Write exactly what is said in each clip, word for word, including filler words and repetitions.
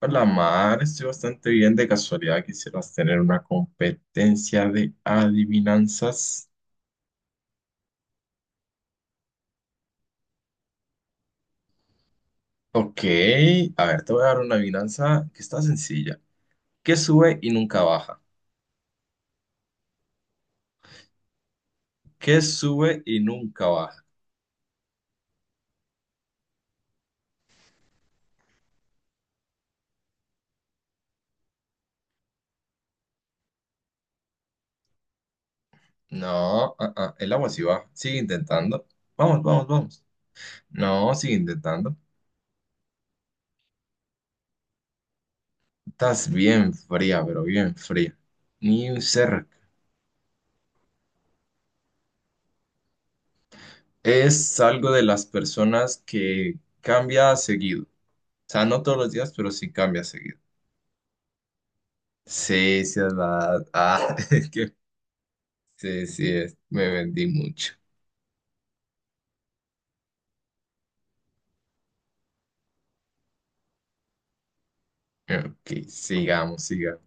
Hola Mar, estoy bastante bien. De casualidad quisieras tener una competencia de adivinanzas. Ok, a ver, te voy a dar una adivinanza que está sencilla. ¿Qué sube y nunca baja? ¿Qué sube y nunca baja? No, ah, ah, el agua sí baja. Sigue intentando. Vamos, vamos, vamos. No, sigue intentando. Estás bien fría, pero bien fría. Ni un cerca. Es algo de las personas que cambia seguido. O sea, no todos los días, pero sí cambia seguido. Sí, sí, es verdad. Ah, es que sí, sí, es. Me vendí mucho. Ok, sigamos, sigamos.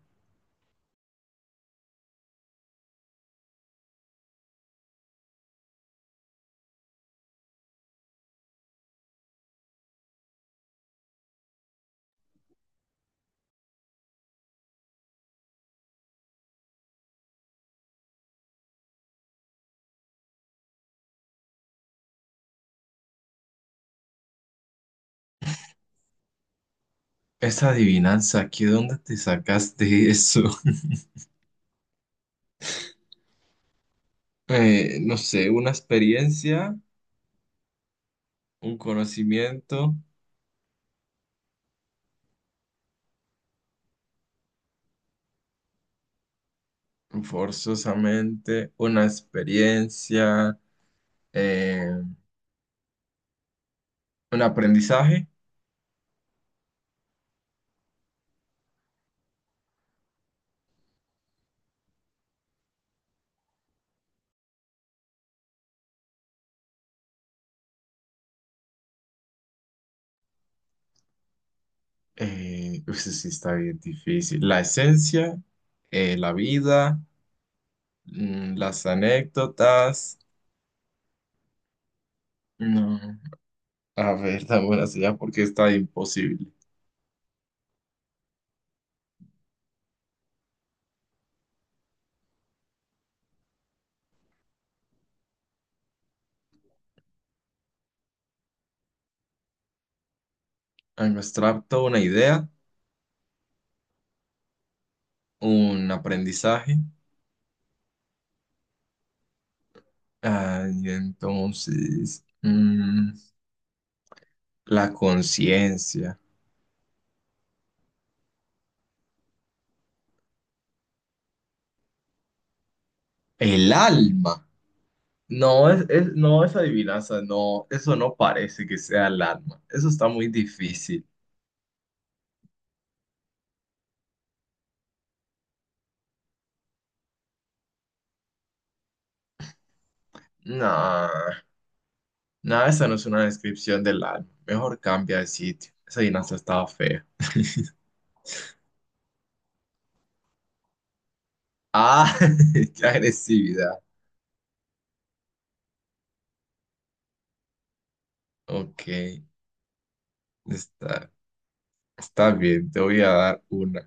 Esa adivinanza, ¿aquí dónde te sacaste eso? Eh, no sé, una experiencia, un conocimiento, forzosamente, una experiencia, eh, un aprendizaje. Eh, pues sí está bien difícil. La esencia, eh, la vida, mm, las anécdotas. No. A ver, dame una señal porque está imposible. Ay, me abstracto una idea, un aprendizaje. Ah, y entonces, mm, la conciencia, el alma. No, es, es- no, esa adivinanza, no, eso no parece que sea el alma. Eso está muy difícil. No, no, esa no es una descripción del alma. Mejor cambia de sitio. Esa adivinanza estaba fea. Ah, qué agresividad. Ok, está. Está bien, te voy a dar una.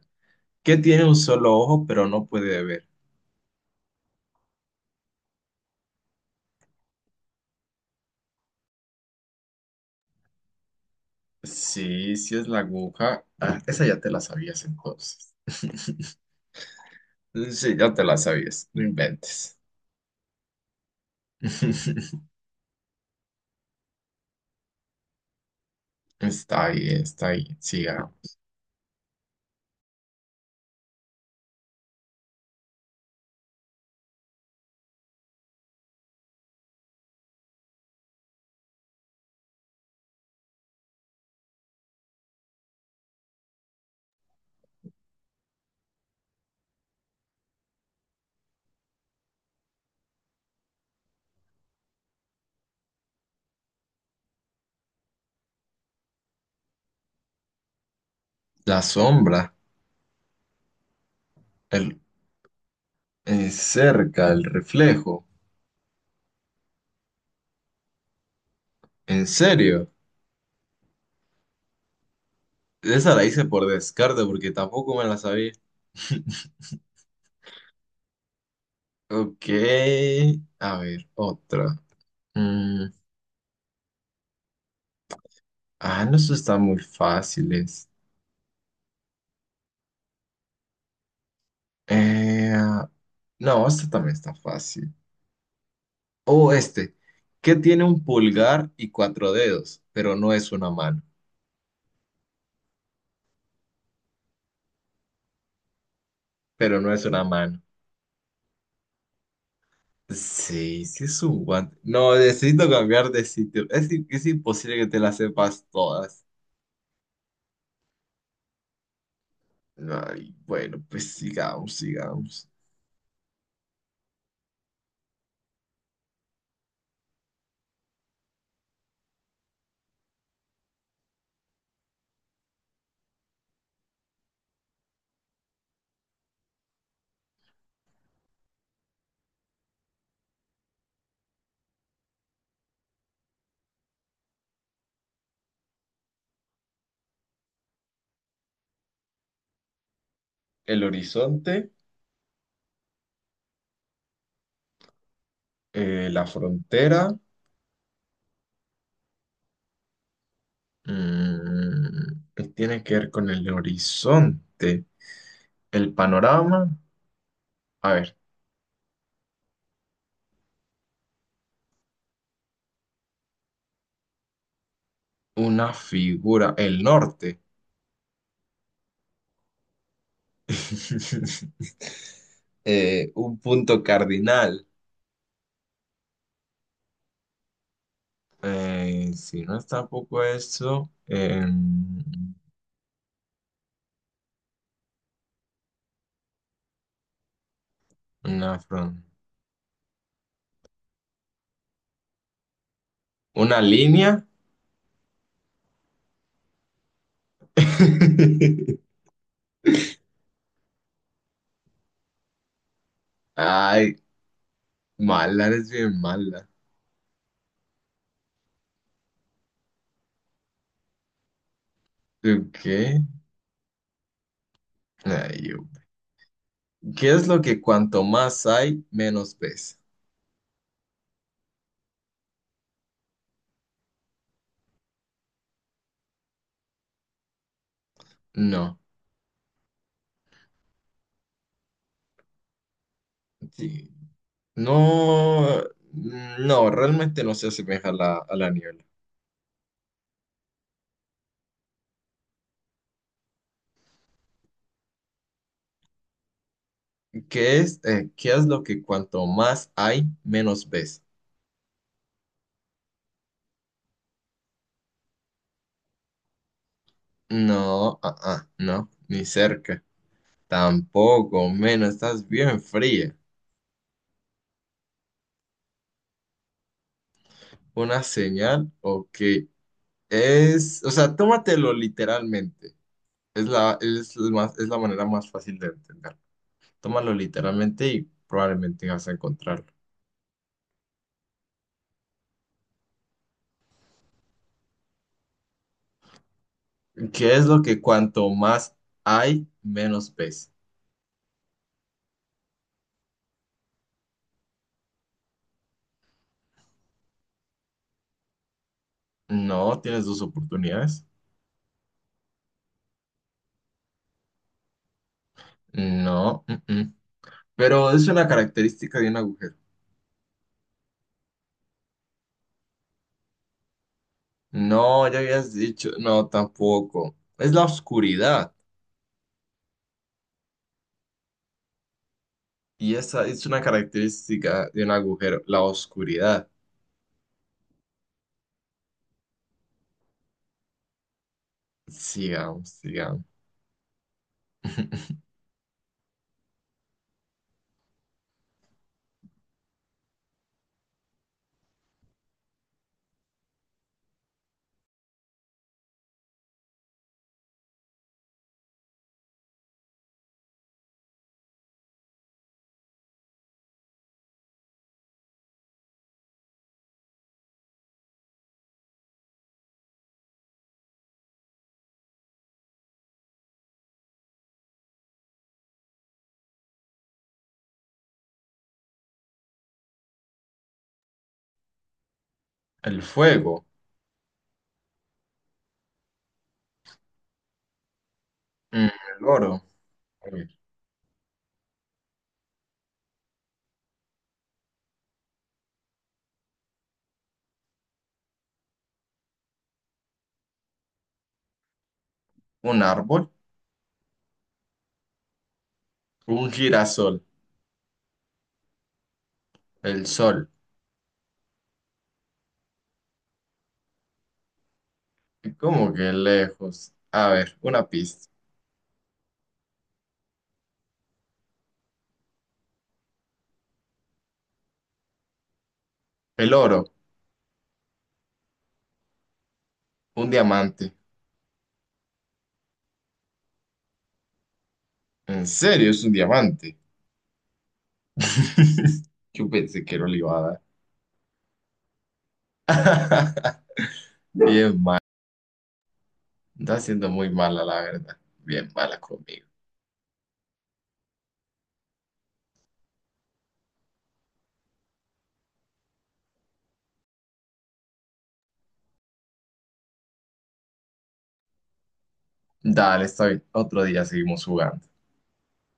¿Qué tiene un solo ojo pero no puede ver? Sí, sí es la aguja. Ah, esa ya te la sabías entonces. Sí, ya te la sabías, no inventes. Está bien, está bien. Siga. La sombra, el, eh, cerca, el reflejo. ¿En serio? Esa la hice por descarte porque tampoco me la sabía. Ok, a ver, otra. Mm, ah, no, eso está muy fáciles. Eh, no, esta también está fácil. O este, ¿qué tiene un pulgar y cuatro dedos? Pero no es una mano. Pero no es una mano. Sí, sí es un guante. No, necesito cambiar de sitio. Es, i- es imposible que te las sepas todas. Ay, bueno, pues sigamos, sigamos. El horizonte, eh, la frontera. Mm, ¿qué tiene que ver con el horizonte? El panorama. A ver. Una figura, el norte. Eh, un punto cardinal. Eh, si no es tampoco eso, eh, una fron- una línea. Ay, mala, eres bien mala. ¿Tú qué? Ay, yo- ¿qué es lo que cuanto más hay, menos ves? No, sí. No, no, realmente no se asemeja a la, a la niebla. ¿Qué es, eh, ¿qué es lo que cuanto más hay, menos ves? No, ah, ah, no, ni cerca. Tampoco, menos, estás bien fría. ¿Una señal o qué? Es, o sea, tómatelo literalmente. Es la, es la más, es la manera más fácil de entender. Tómalo literalmente y probablemente vas a encontrarlo. ¿Qué es lo que cuanto más hay, menos ves? No, tienes dos oportunidades. No, mm, mm. Pero es una característica de un agujero. No, ya habías dicho, no, tampoco. Es la oscuridad. Y esa es una característica de un agujero, la oscuridad. Sigamos, sigamos. El fuego, Mm, el oro, un árbol, un girasol, el sol. ¿Cómo que lejos? A ver, una pista. El oro, un diamante. ¿En serio es un diamante? Yo pensé que no le iba a dar. Bien, está siendo muy mala, la verdad. Bien mala conmigo. Dale, estoy. Otro día seguimos jugando.